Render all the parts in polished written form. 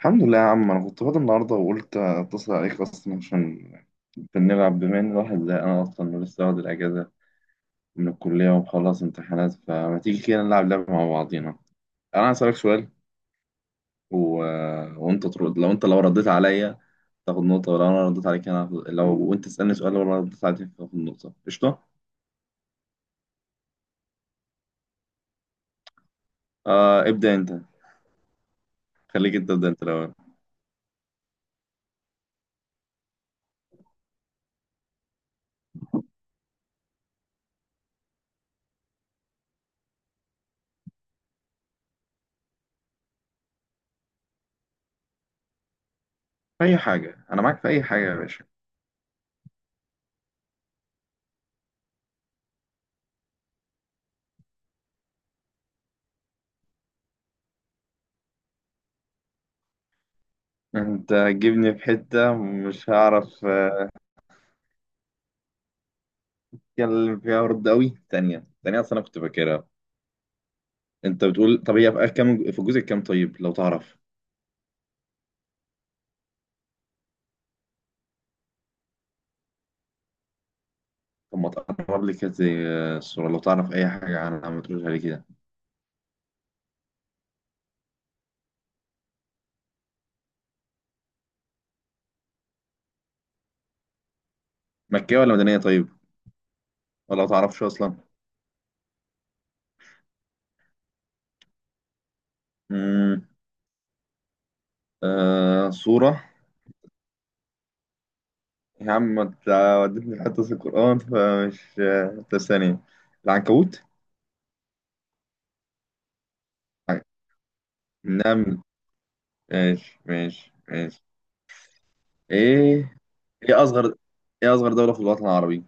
الحمد لله يا عم، انا كنت فاضي النهارده وقلت اتصل عليك اصلا عشان بنلعب، بما ان الواحد زي انا اصلا ولسه واخد الاجازه من الكليه ومخلص امتحانات. فما تيجي كده نلعب لعبه مع بعضينا. انا هسألك سؤال و... وانت ترد. لو رديت عليا تاخد نقطه، ولو انا رديت عليك انا لو وانت تسألني سؤال لو انا رديت عليك تاخد نقطه. قشطه. آه، ابدا انت. خليك انت، ابدا انت الاول. في اي حاجه انا معاك، في اي حاجه يا باشا. انت هتجيبني في حته مش هعرف كان اللي فيها، هارد قوي. تانية، أصل أنا كنت فاكرها. أنت بتقول طب هي في آخر كام، في الجزء الكام طيب لو تعرف. طب ما تقرب لي كده، زي الصورة لو تعرف أي حاجة عنها ما تقولش علي كده. مكية ولا مدنية طيب، ولا ما تعرفش أصلا؟ امم آه، صورة. يا عم أنت وديتني في حتة في القرآن، فمش طب، ثانية. العنكبوت. نعم. ماشي ماشي ماشي. إيه. إيه أصغر، إيه أصغر دولة في الوطن العربي؟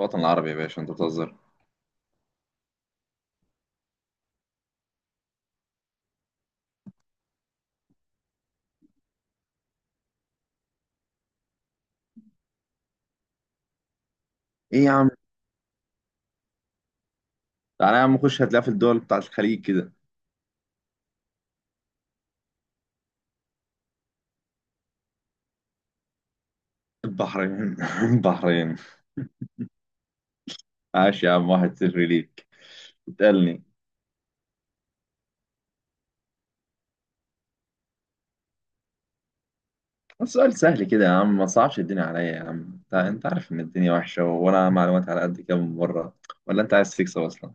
الوطن العربي يا باشا، أنت بتهزر. إيه يا عم، تعالى يا عم خش، هتلاقيها في الدول بتاعت الخليج كده. البحرين. البحرين. عاش يا عم، واحد صفر ليك. اسألني. السؤال سهل كده يا عم، ما صعبش الدنيا عليا يا عم، انت عارف ان الدنيا وحشة، وانا معلومات على قد كده من بره. ولا انت عايز تكسب اصلا؟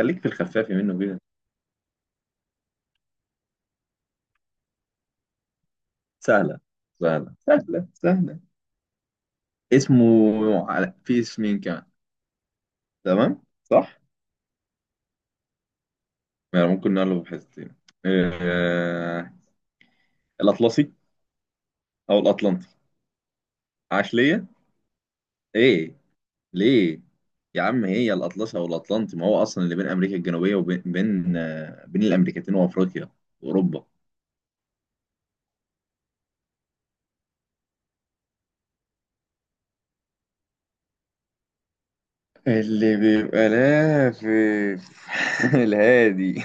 خليك في الخفاف منه كده. سهلة سهلة سهلة. سهلة. اسمه، على في اسمين كمان، تمام صح. يعني ممكن نقله بحثتين. آه... الأطلسي، أو الأطلنطي. عاش ليا. ايه، ليه؟ يا عم هي الأطلسي والأطلنطي، ما هو أصلا اللي بين أمريكا الجنوبية وبين بين الأمريكتين وأفريقيا وأوروبا. اللي بيبقى لافف، الهادي.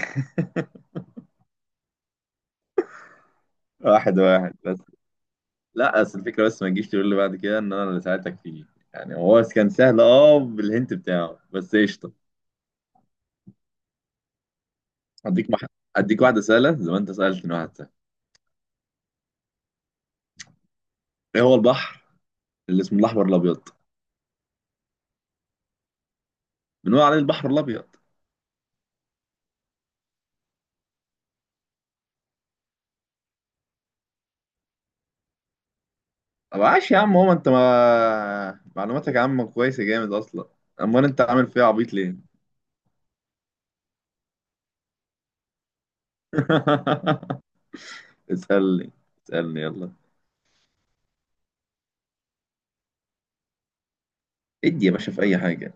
واحد واحد بس. لا أصل الفكرة، بس ما تجيش تقول لي بعد كده إن أنا اللي ساعدتك فيه. يعني هو كان سهل، أه، بالهنت بتاعه، بس قشطة. أديك مح... أديك واحدة سهلة زي ما أنت سألتني واحد سهل. إيه هو البحر اللي اسمه الأحمر، الأبيض؟ بنقول عليه البحر الأبيض. طب عاش يا عم، هو انت ما معلوماتك يا عم كويسه جامد اصلا. امال انت عامل فيها عبيط ليه؟ اسالني، اسالني يلا. ادي يا باشا في اي حاجه،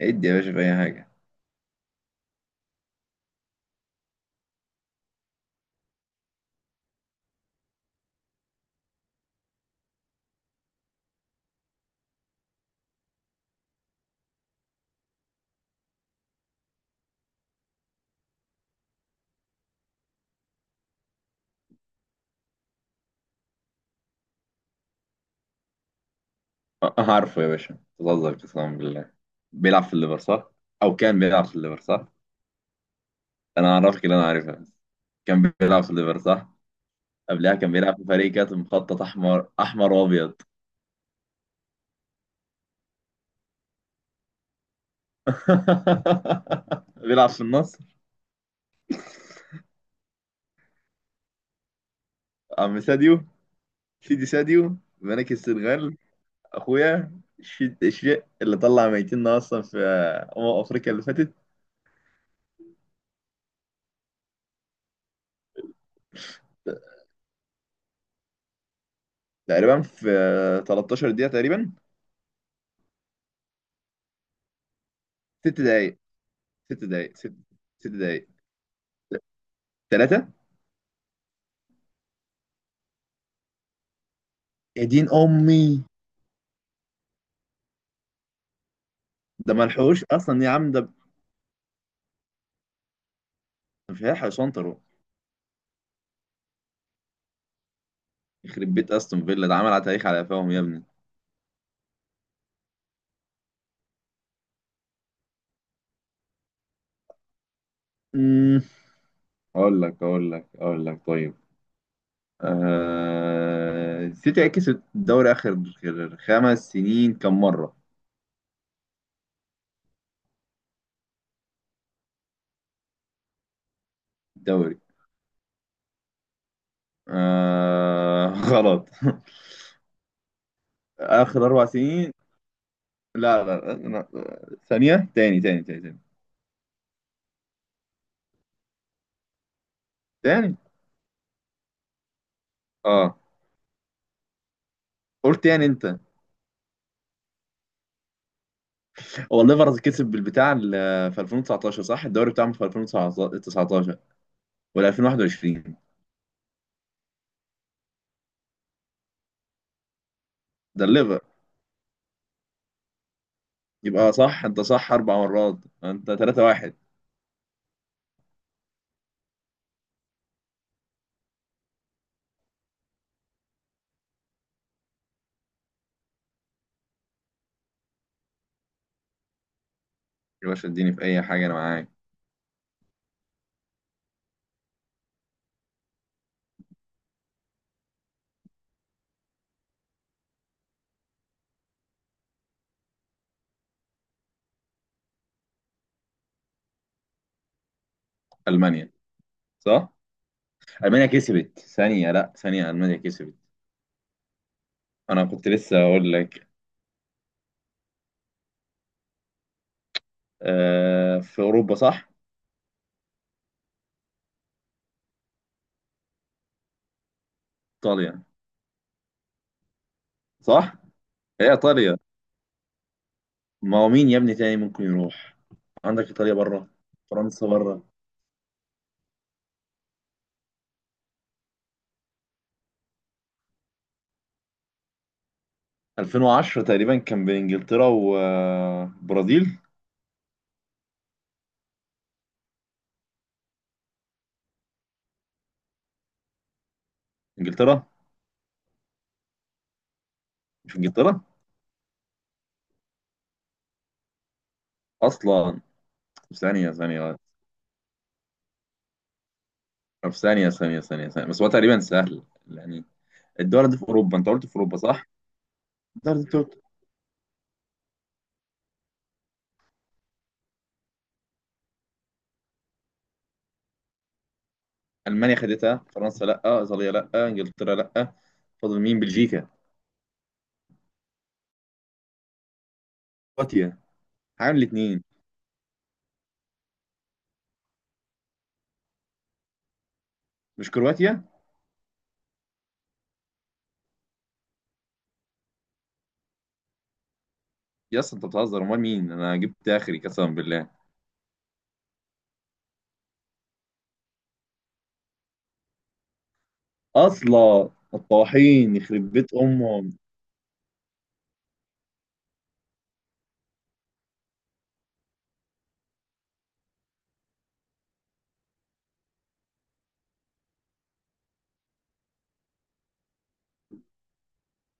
ادي يا باشا في اي حاجه. أه، عارفه يا باشا بتهزر قسما بالله. بيلعب في الليفر صح، او كان بيلعب في الليفر صح. انا اعرفك اللي انا عارفها بس. كان بيلعب في الليفر صح. قبلها كان بيلعب في فريق كانت مخطط احمر وابيض. بيلعب في النصر. عم ساديو، سيدي ساديو، ملك السنغال. اخويا، الشيء اللي طلع ميتنا اصلا في افريقيا اللي فاتت. تقريبا في 13 دقيقه تقريبا. ست دقائق، ست دقائق، ست، ست دقائق. ثلاثه. يا دين امي. ده ما لحقوش اصلا يا عم ده، مش هيلحقوا يسنطروا. يخرب بيت استون فيلا، ده عمل على تاريخ على قفاهم يا ابني. أمم، اقول لك اقول لك اقول لك طيب. سيتي كسب الدوري اخر خمس سنين كم مره؟ الدوري. غلط، اخر اربع سنين. لا لا لا، لا، ثانيه، تاني تاني. اه، قلت يعني انت. هو الليفرز كسب بالبتاع في 2019 صح، الدوري بتاعهم في 2019 ولا 2021؟ ده الليفر. يبقى صح، انت صح اربع مرات. انت 3-1. يا باشا اديني في اي حاجه انا معاك. المانيا. صح. المانيا كسبت، لا ثانيه، المانيا كسبت. انا كنت لسه اقول لك. آه، في اوروبا صح. ايطاليا. صح، هي ايطاليا. ما هو مين يا ابني تاني ممكن يروح؟ عندك ايطاليا بره، فرنسا بره. 2010 تقريبا كان بين انجلترا وبرازيل. انجلترا. مش انجلترا اصلا؟ ثانيه، طب ثانيه بس، هو تقريبا سهل يعني. الدول دي في اوروبا، انت قلت في اوروبا صح. الدول دي في أوروبا. المانيا خدتها، فرنسا لا، ايطاليا لا، انجلترا لا. فاضل مين؟ بلجيكا، كرواتيا، عامل الاثنين. مش كرواتيا؟ يا اسطى انت بتهزر، امال مين؟ انا جبت اخري قسما بالله. اصلا الطواحين، يخرب بيت امهم.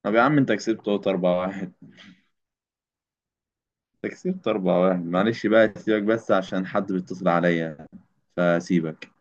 طب يا عم، انت كسبت أهوت 4 واحد. انت كسبت 4 واحد، معلش بقى سيبك بس عشان حد بيتصل عليا، فسيبك.